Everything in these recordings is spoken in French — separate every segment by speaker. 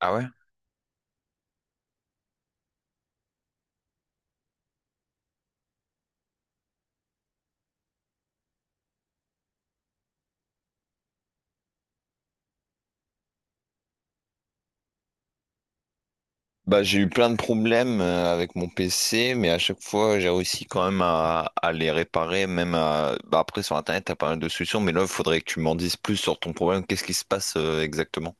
Speaker 1: Ah ouais? Bah, j'ai eu plein de problèmes avec mon PC, mais à chaque fois, j'ai réussi quand même à les réparer, même à... bah, après, sur Internet, t'as pas mal de solutions, mais là, il faudrait que tu m'en dises plus sur ton problème. Qu'est-ce qui se passe exactement?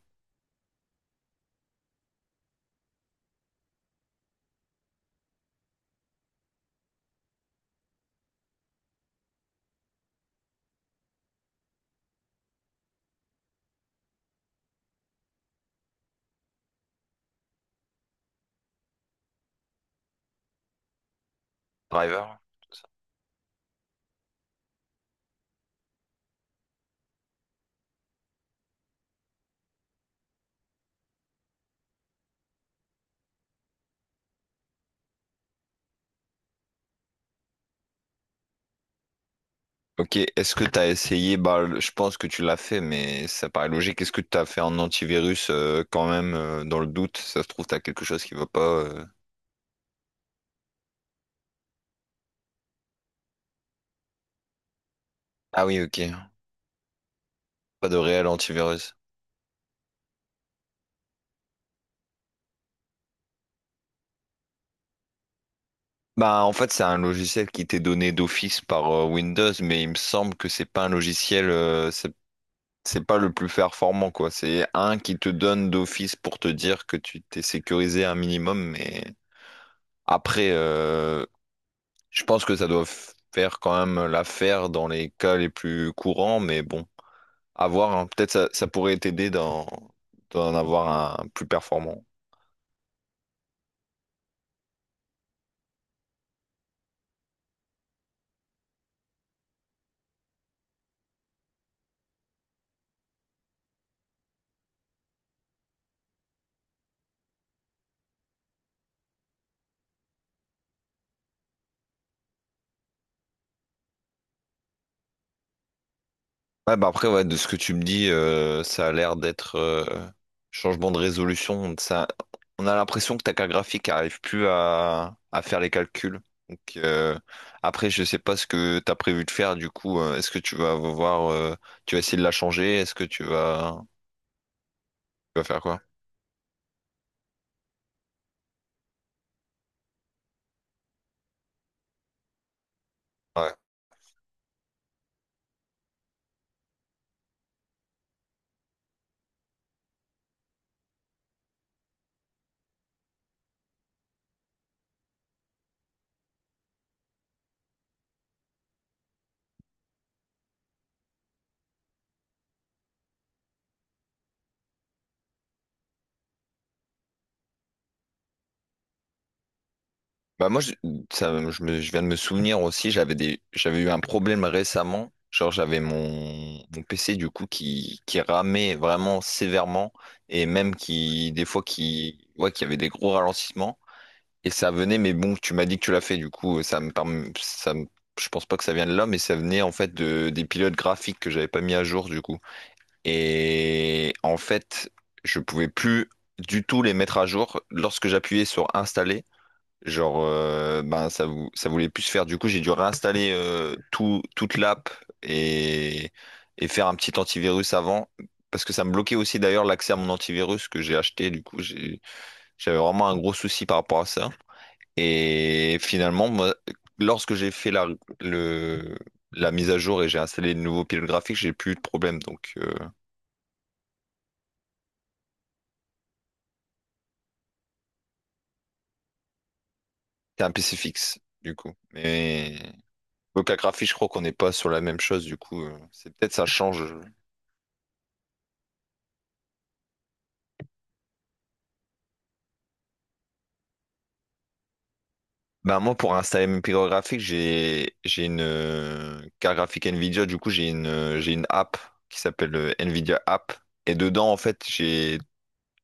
Speaker 1: Driver, tout ça. Ok, est-ce que t'as essayé, bah, je pense que tu l'as fait, mais ça paraît logique. Est-ce que t'as fait un antivirus quand même, dans le doute? Ça se trouve, t'as quelque chose qui va pas... Ah oui, ok. Pas de réel antivirus. Bah, en fait, c'est un logiciel qui t'est donné d'office par Windows, mais il me semble que c'est pas un logiciel, c'est pas le plus performant, quoi. C'est un qui te donne d'office pour te dire que tu t'es sécurisé un minimum, mais après, je pense que ça doit faire quand même l'affaire dans les cas les plus courants, mais bon, à voir, hein. Peut-être ça pourrait t'aider dans, d'en avoir un plus performant. Ouais, bah après, ouais, de ce que tu me dis, ça a l'air d'être changement de résolution. Ça, on a l'impression que ta carte graphique n'arrive plus à faire les calculs. Donc, après, je sais pas ce que tu as prévu de faire. Du coup, est-ce que tu vas voir, tu vas essayer de la changer? Est-ce que tu vas faire quoi? Ouais. Bah moi, ça, je viens de me souvenir aussi, j'avais eu un problème récemment. Genre, mon PC du coup qui ramait vraiment sévèrement et même qui, des fois, qui, ouais, qui avait des gros ralentissements. Et ça venait, mais bon, tu m'as dit que tu l'as fait, du coup, ça me, perm- ça me- je pense pas que ça vient de là, mais ça venait en fait de, des pilotes graphiques que j'avais pas mis à jour du coup. Et en fait, je pouvais plus du tout les mettre à jour lorsque j'appuyais sur installer. Genre, ben, ça voulait plus se faire. Du coup, j'ai dû réinstaller toute l'app et, et faire un petit antivirus avant. Parce que ça me bloquait aussi d'ailleurs l'accès à mon antivirus que j'ai acheté. J'avais vraiment un gros souci par rapport à ça. Et finalement, moi, lorsque j'ai fait le, la mise à jour et j'ai installé le nouveau pilote graphique, j'ai plus eu de problème. Donc, c'est un PC fixe, du coup. Mais. Donc la graphie, je crois qu'on n'est pas sur la même chose, du coup, c'est peut-être ça change. Ben moi, pour installer mes picots graphiques, j'ai une carte graphique Nvidia. Du coup, j'ai une app qui s'appelle Nvidia App. Et dedans, en fait, j'ai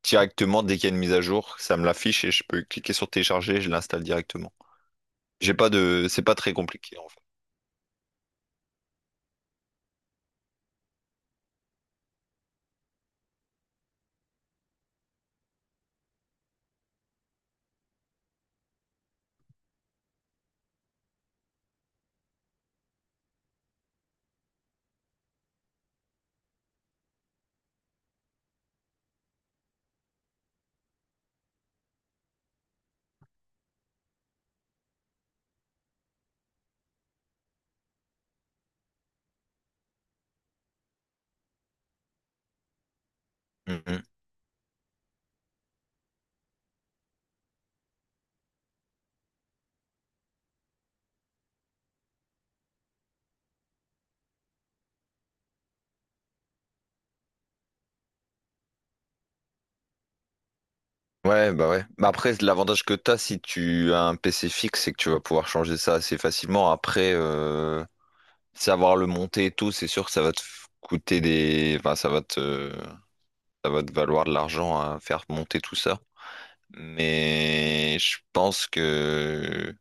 Speaker 1: directement dès qu'il y a une mise à jour, ça me l'affiche et je peux cliquer sur télécharger. Et je l'installe directement. J'ai pas de, c'est pas très compliqué en fait. Mhm. Ouais. Bah après, l'avantage que t'as si tu as un PC fixe, c'est que tu vas pouvoir changer ça assez facilement. Après, savoir le monter et tout, c'est sûr que ça va te coûter des, enfin, ça va te valoir de l'argent à faire monter tout ça. Mais je pense que...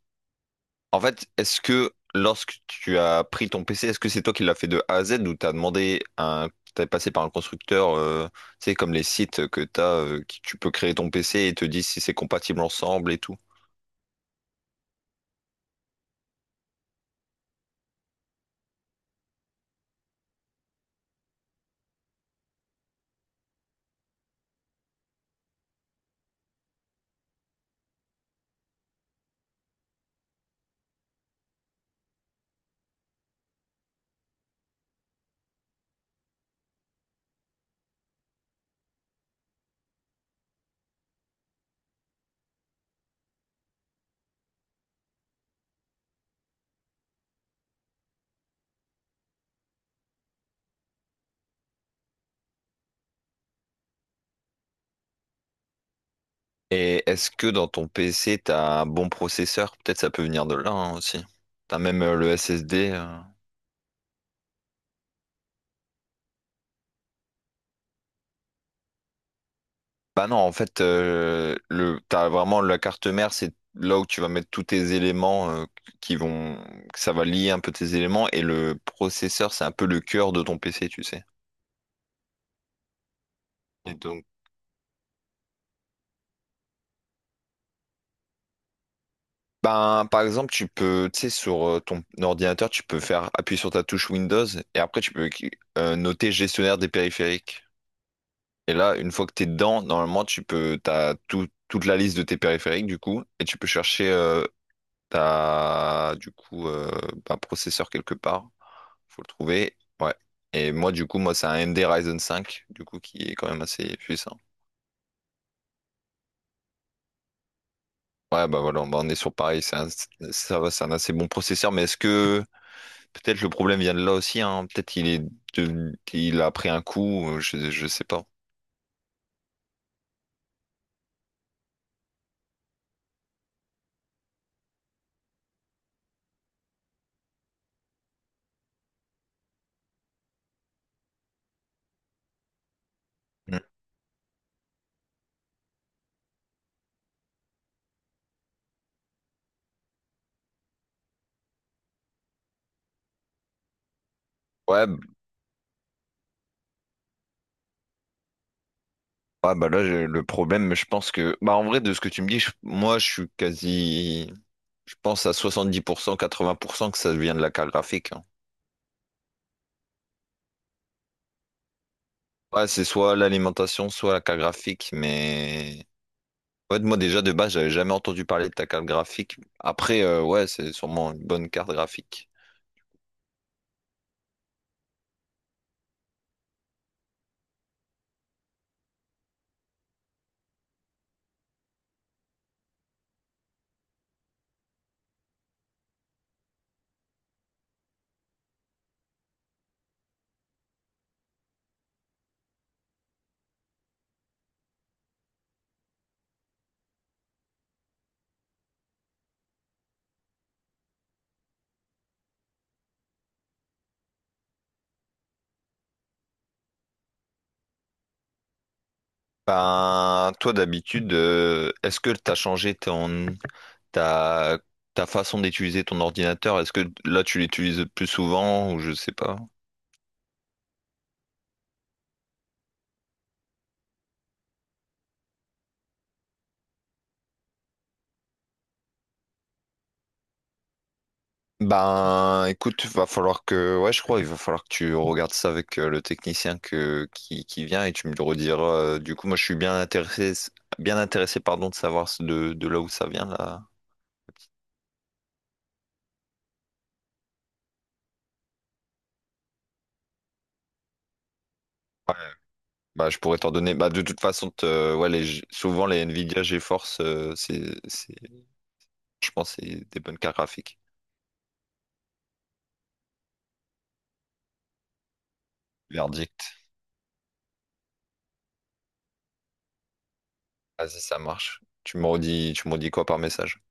Speaker 1: En fait, est-ce que lorsque tu as pris ton PC, est-ce que c'est toi qui l'as fait de A à Z ou t'as demandé un... T'es passé par un constructeur, tu sais, comme les sites que t'as, qui tu peux créer ton PC et te disent si c'est compatible ensemble et tout. Et est-ce que dans ton PC, t'as un bon processeur? Peut-être ça peut venir de là, hein, aussi. T'as même le SSD. Bah non, en fait, t'as vraiment la carte mère, c'est là où tu vas mettre tous tes éléments qui vont, que ça va lier un peu tes éléments et le processeur, c'est un peu le cœur de ton PC, tu sais. Et donc, ben, par exemple, tu peux, tu sais, sur ton ordinateur, tu peux faire appuyer sur ta touche Windows et après tu peux noter gestionnaire des périphériques. Et là, une fois que t'es dedans, normalement, t'as toute la liste de tes périphériques du coup et tu peux chercher ta, du coup, euh, ben, processeur quelque part. Faut le trouver. Ouais. Et moi, du coup, moi, c'est un AMD Ryzen 5, du coup, qui est quand même assez puissant. Ouais, bah voilà, bah, on est sur pareil. Ça va, c'est un assez bon processeur, mais est-ce que peut-être le problème vient de là aussi, hein? Peut-être il a pris un coup, je sais pas. Mm. Ouais, b- ouais, bah là, le problème, je pense que. Bah en vrai, de ce que tu me dis, moi, je suis quasi. Je pense à 70%, 80% que ça vient de la carte graphique, hein. Ouais, c'est soit l'alimentation, soit la carte graphique, mais. Ouais, moi déjà de base, j'avais jamais entendu parler de ta carte graphique. Après, ouais, c'est sûrement une bonne carte graphique. Ben, toi d'habitude, est-ce que t'as changé ton ta ta façon d'utiliser ton ordinateur? Est-ce que là tu l'utilises plus souvent ou je sais pas? Ben, écoute, va falloir que, ouais, je crois, il va falloir que tu regardes ça avec le technicien que qui vient et tu me le rediras. Du coup, moi, je suis bien intéressé, pardon, de savoir de là où ça vient là. Bah, je pourrais t'en donner. Bah, de toute façon, ouais, les... souvent les Nvidia GeForce, c'est... je pense que c'est des bonnes cartes graphiques. Verdict. Vas-y, ça marche. Tu me redis quoi par message?